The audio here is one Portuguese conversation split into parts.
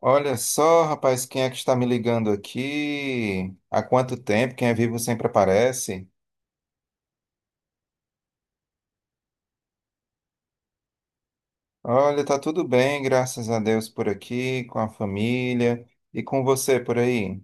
Olha só, rapaz, quem é que está me ligando aqui? Há quanto tempo? Quem é vivo sempre aparece. Olha, tá tudo bem, graças a Deus por aqui, com a família e com você por aí.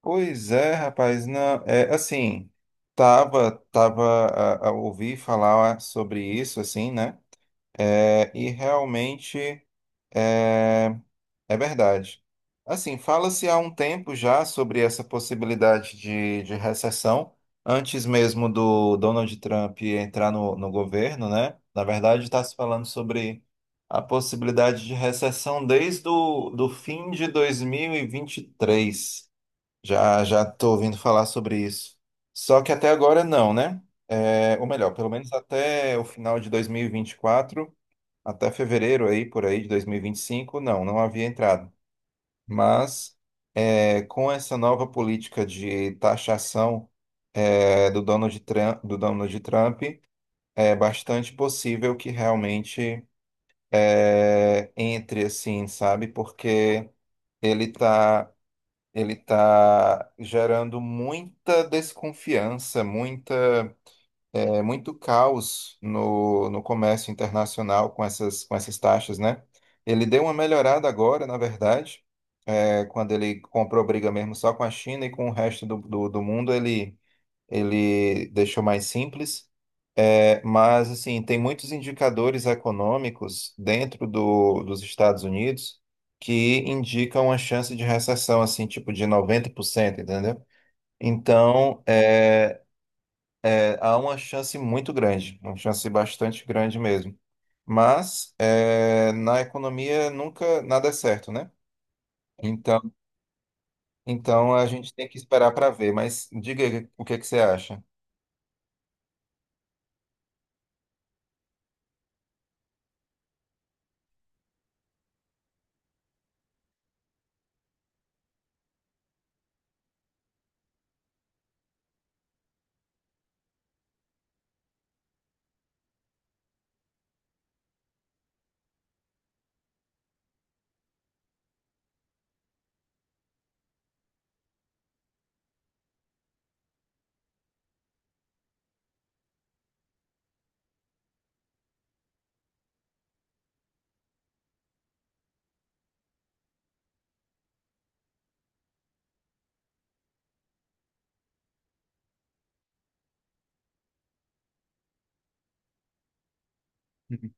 Pois é, rapaz, não, é assim, tava a ouvir falar sobre isso, assim, né? É, e realmente é, é verdade. Assim, fala-se há um tempo já sobre essa possibilidade de recessão, antes mesmo do Donald Trump entrar no governo, né? Na verdade, está se falando sobre a possibilidade de recessão desde o do fim de dois mil e vinte e três. Já estou ouvindo falar sobre isso. Só que até agora não, né? É, ou melhor, pelo menos até o final de dois mil e vinte e quatro, até fevereiro aí, por aí, de dois mil e vinte e cinco. Não, não havia entrado. Mas com essa nova política de taxação do Donald Trump, é bastante possível que realmente entre assim, sabe? Porque ele tá, ele tá gerando muita desconfiança, muito caos no comércio internacional com essas taxas, né? Ele deu uma melhorada agora, na verdade é quando ele comprou briga mesmo só com a China e com o resto do mundo, ele deixou mais simples. É, mas, assim, tem muitos indicadores econômicos dentro dos Estados Unidos que indicam uma chance de recessão, assim, tipo de 90%, entendeu? Então, há uma chance muito grande, uma chance bastante grande mesmo. Mas, na economia, nunca nada é certo, né? então Então a gente tem que esperar para ver, mas diga aí o que que você acha. Uhum.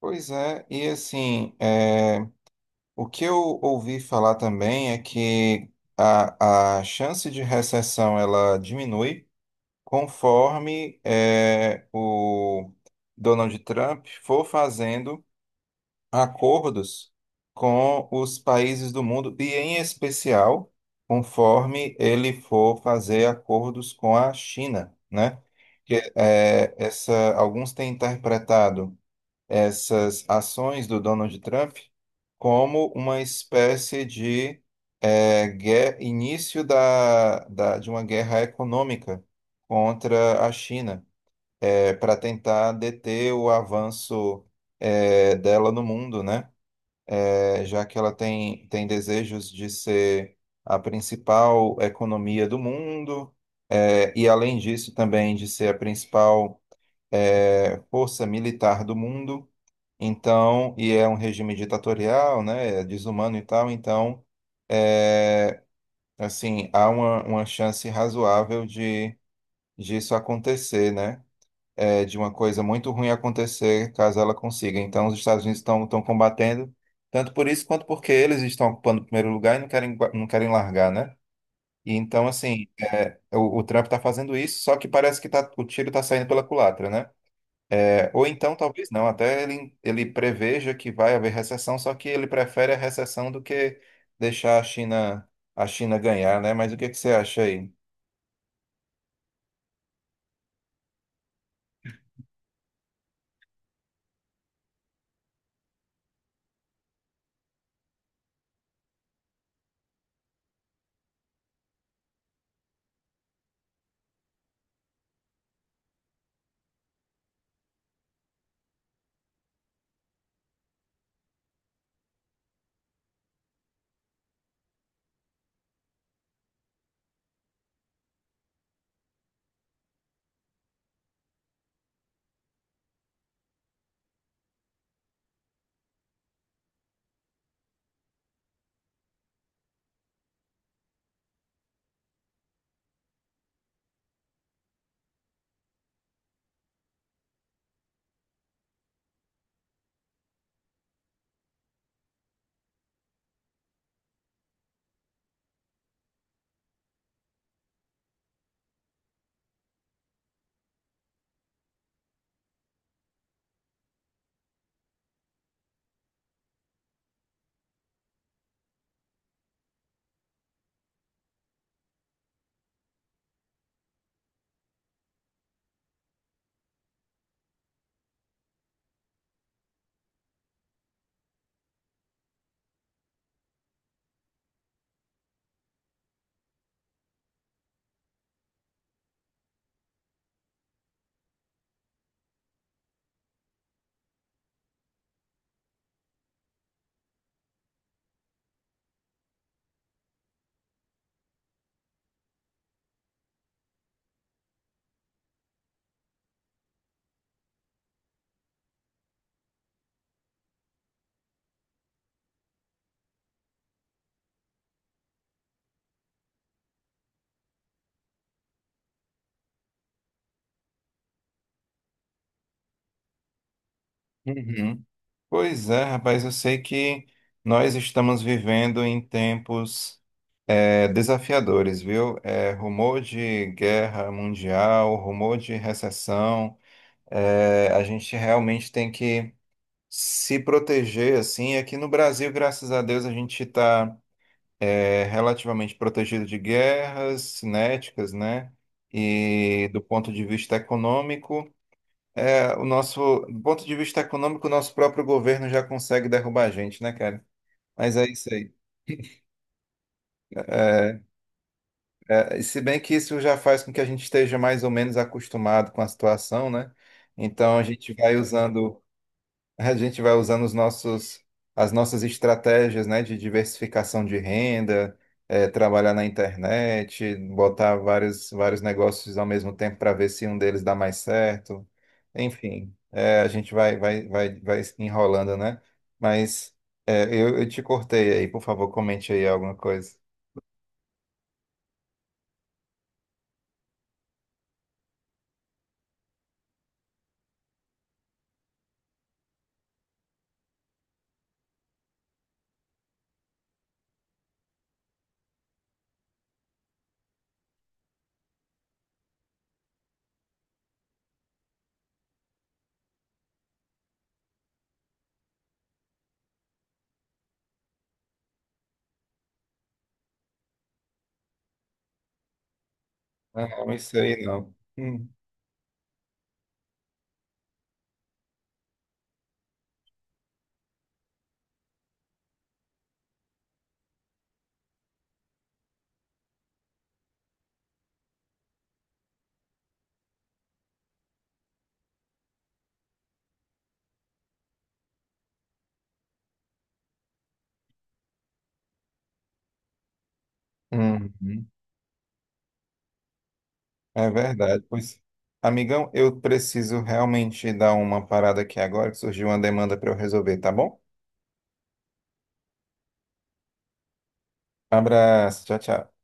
Pois é, e assim, o que eu ouvi falar também é que a chance de recessão ela diminui conforme o Donald Trump for fazendo acordos com os países do mundo, e em especial, conforme ele for fazer acordos com a China, né? Que, alguns têm interpretado essas ações do Donald Trump como uma espécie de início de uma guerra econômica contra a China, para tentar deter o avanço dela no mundo, né? Já que ela tem desejos de ser a principal economia do mundo, e além disso também de ser a principal força militar do mundo, então, e é um regime ditatorial, né, é desumano e tal, então, é, assim, há uma chance razoável de disso acontecer, né? De uma coisa muito ruim acontecer caso ela consiga. Então, os Estados Unidos estão combatendo, tanto por isso quanto porque eles estão ocupando o primeiro lugar e não querem largar, né? E então, assim, o Trump está fazendo isso, só que parece que o tiro está saindo pela culatra, né? É, ou então, talvez não, até ele preveja que vai haver recessão, só que ele prefere a recessão do que deixar a China ganhar, né? Mas o que que você acha aí? Uhum. Pois é, rapaz, eu sei que nós estamos vivendo em tempos desafiadores, viu? É, rumor de guerra mundial, rumor de recessão, a gente realmente tem que se proteger, assim. Aqui no Brasil, graças a Deus, a gente está relativamente protegido de guerras cinéticas, né? E do ponto de vista econômico, do ponto de vista econômico, o nosso próprio governo já consegue derrubar a gente, né, cara? Mas é isso aí. É, e se bem que isso já faz com que a gente esteja mais ou menos acostumado com a situação, né? Então a gente vai usando, a gente vai usando as nossas estratégias, né, de diversificação de renda, trabalhar na internet, botar vários, vários negócios ao mesmo tempo para ver se um deles dá mais certo. Enfim, a gente vai enrolando, né? Mas eu te cortei aí, por favor, comente aí alguma coisa. Não, não sei não. Uhum. É verdade. Pois, amigão, eu preciso realmente dar uma parada aqui agora, que surgiu uma demanda para eu resolver, tá bom? Abraço, tchau, tchau.